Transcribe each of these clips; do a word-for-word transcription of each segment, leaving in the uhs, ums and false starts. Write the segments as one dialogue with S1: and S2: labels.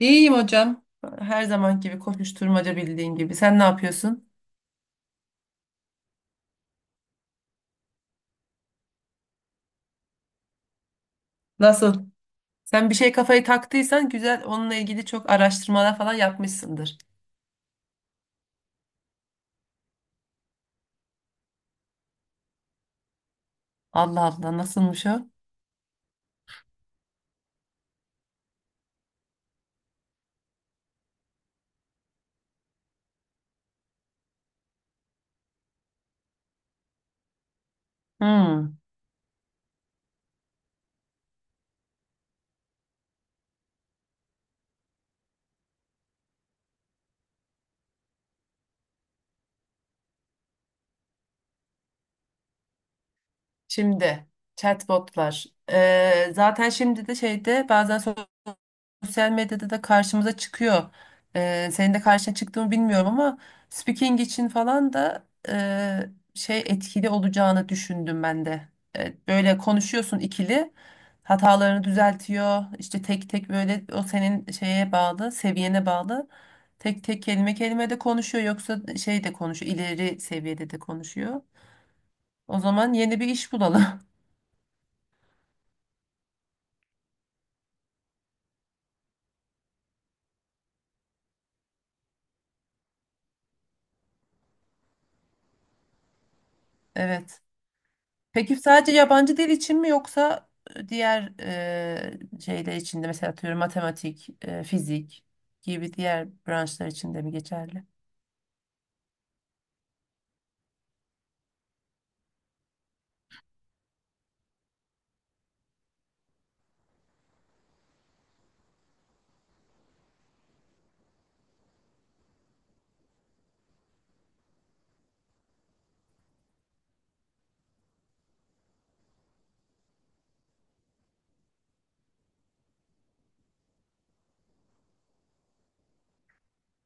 S1: İyiyim hocam. Her zaman gibi koşuşturmaca bildiğin gibi. Sen ne yapıyorsun? Nasıl? Sen bir şey kafayı taktıysan güzel onunla ilgili çok araştırmalar falan yapmışsındır. Allah Allah nasılmış o? Hmm. Şimdi chatbotlar. Ee, zaten şimdi de şeyde bazen sosyal medyada da karşımıza çıkıyor. Ee, senin de karşına çıktığını bilmiyorum ama speaking için falan da e, şey etkili olacağını düşündüm ben de. E, böyle konuşuyorsun ikili, hatalarını düzeltiyor. İşte tek tek böyle o senin şeye bağlı, seviyene bağlı. Tek tek kelime kelime de konuşuyor yoksa şey de konuşuyor, ileri seviyede de konuşuyor. O zaman yeni bir iş bulalım. Evet. Peki sadece yabancı dil için mi yoksa diğer eee şeyler için de mesela atıyorum matematik, eee, fizik gibi diğer branşlar için de mi geçerli?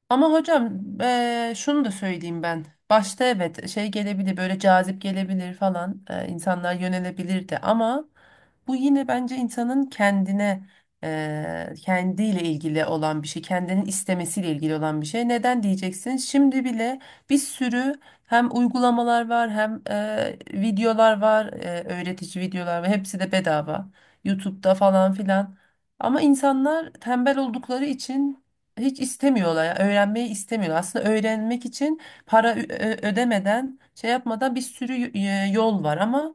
S1: Ama hocam eee, şunu da söyleyeyim ben. Başta evet şey gelebilir böyle cazip gelebilir falan eee, insanlar yönelebilirdi ama bu yine bence insanın kendine eee kendiyle ilgili olan bir şey, kendinin istemesiyle ilgili olan bir şey. Neden diyeceksin? Şimdi bile bir sürü hem uygulamalar var hem eee, videolar var, eee, öğretici videolar var. Hepsi de bedava. YouTube'da falan filan. Ama insanlar tembel oldukları için hiç istemiyorlar. Ya, öğrenmeyi istemiyorlar. Aslında öğrenmek için para ö- ö- ödemeden, şey yapmadan bir sürü y- e, yol var ama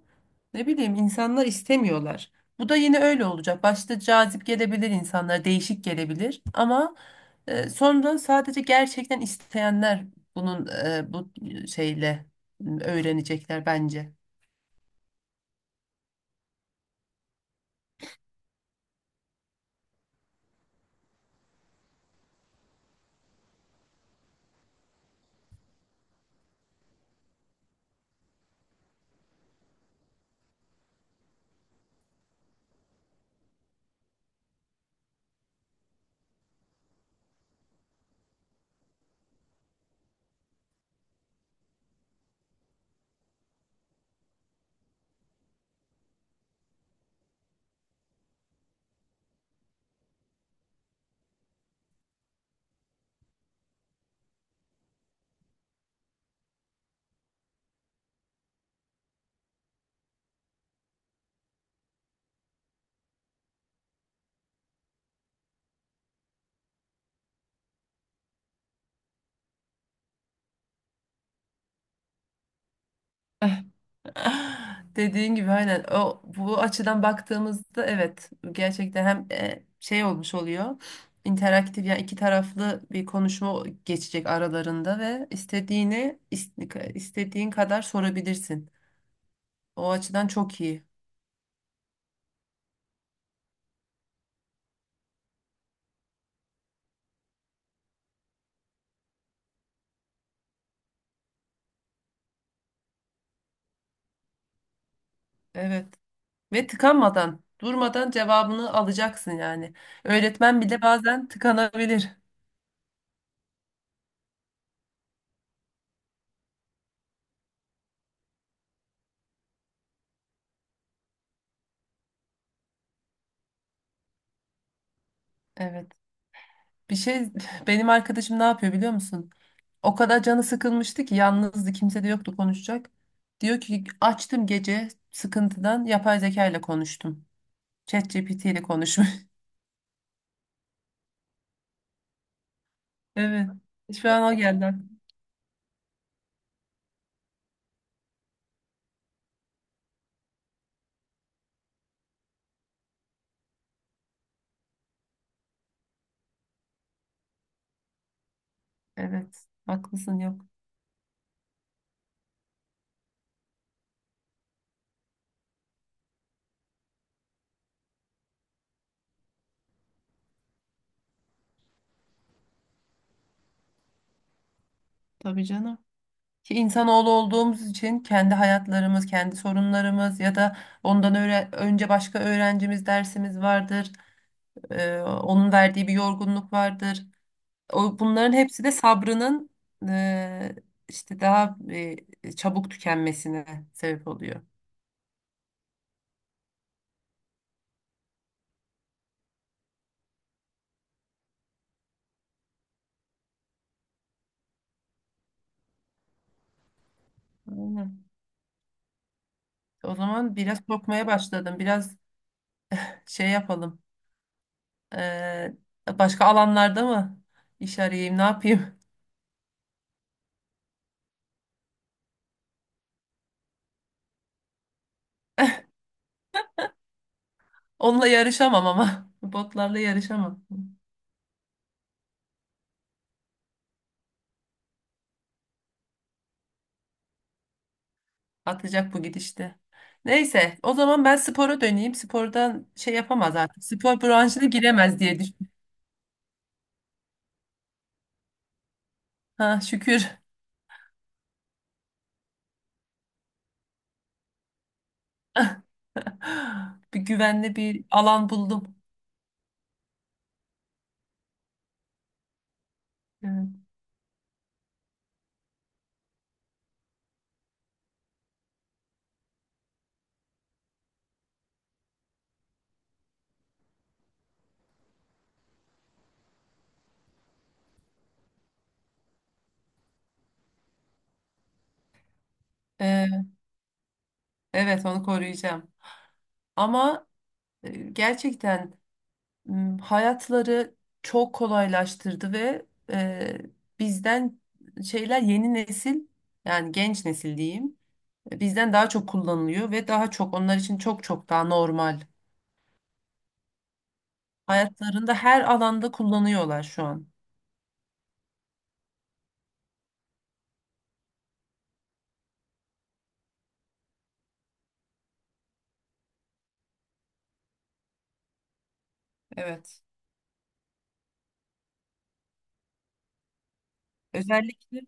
S1: ne bileyim insanlar istemiyorlar. Bu da yine öyle olacak. Başta cazip gelebilir insanlar, değişik gelebilir ama e, sonra sadece gerçekten isteyenler bunun e, bu e, şeyle m, öğrenecekler bence. Dediğin gibi aynen o bu açıdan baktığımızda evet gerçekten hem e, şey olmuş oluyor interaktif yani iki taraflı bir konuşma geçecek aralarında ve istediğini ist- istediğin kadar sorabilirsin. O açıdan çok iyi. Evet. Ve tıkanmadan, durmadan cevabını alacaksın yani. Öğretmen bile bazen tıkanabilir. Evet. Bir şey benim arkadaşım ne yapıyor biliyor musun? O kadar canı sıkılmıştı ki yalnızdı kimse de yoktu konuşacak. Diyor ki açtım gece sıkıntıdan yapay zeka ile konuştum. ChatGPT ile konuşmuş. Evet. Şu an o geldi aklıma. Evet. Haklısın yok. Tabii canım. Ki insanoğlu olduğumuz için kendi hayatlarımız, kendi sorunlarımız ya da ondan öğre- önce başka öğrencimiz dersimiz vardır. Ee, onun verdiği bir yorgunluk vardır. O, bunların hepsi de sabrının e, işte daha e, çabuk tükenmesine sebep oluyor. Aynen. O zaman biraz korkmaya başladım. Biraz şey yapalım. E, Başka alanlarda mı iş arayayım, ne yapayım? Onunla yarışamam ama. Botlarla yarışamam. Atacak bu gidişte. Neyse, o zaman ben spora döneyim. Spordan şey yapamaz artık. Spor branşına giremez diye düşünüyorum. Ha, şükür. Bir güvenli bir alan buldum. Evet. Ee, evet onu koruyacağım. Ama e, gerçekten m, hayatları çok kolaylaştırdı ve e, bizden şeyler yeni nesil yani genç nesil diyeyim, e, bizden daha çok kullanılıyor ve daha çok onlar için çok çok daha normal. Hayatlarında her alanda kullanıyorlar şu an. Evet. Özellikle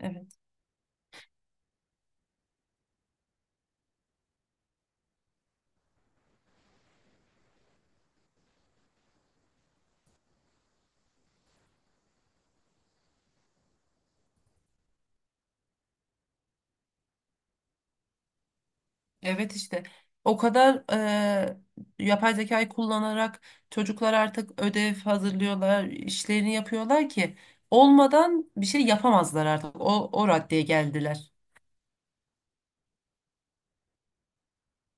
S1: evet. Evet işte o kadar eee, yapay zekayı kullanarak çocuklar artık ödev hazırlıyorlar, işlerini yapıyorlar ki olmadan bir şey yapamazlar artık. O, o raddeye geldiler.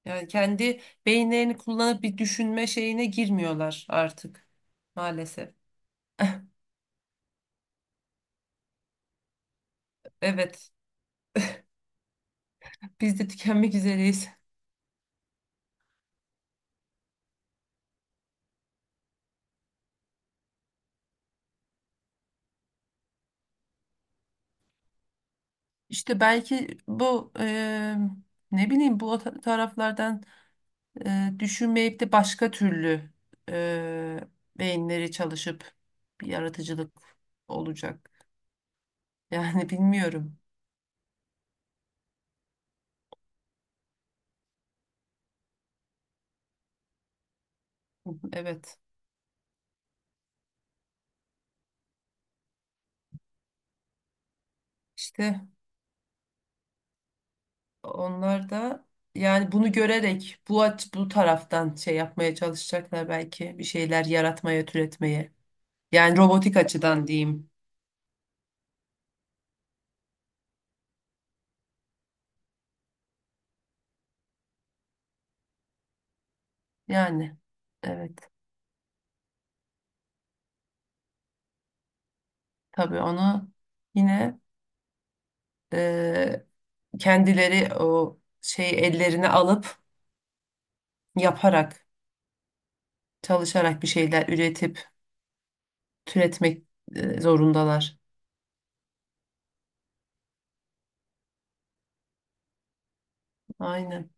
S1: Yani kendi beyinlerini kullanıp bir düşünme şeyine girmiyorlar artık maalesef. Evet, biz de tükenmek üzereyiz. İşte belki bu eee, ne bileyim bu ta- taraflardan e, düşünmeyip de başka türlü e, beyinleri çalışıp bir yaratıcılık olacak. Yani bilmiyorum. Evet. İşte onlar da yani bunu görerek bu aç bu taraftan şey yapmaya çalışacaklar belki bir şeyler yaratmaya, türetmeye. Yani robotik açıdan diyeyim. Yani evet. Tabii onu yine e, kendileri o şey ellerine alıp yaparak çalışarak bir şeyler üretip türetmek e, zorundalar. Aynen.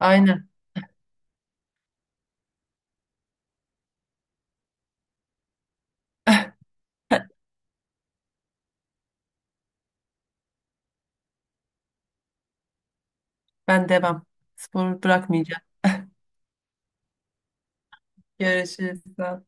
S1: Aynen. Ben devam. Sporu bırakmayacağım. Görüşürüz. Sağ ol.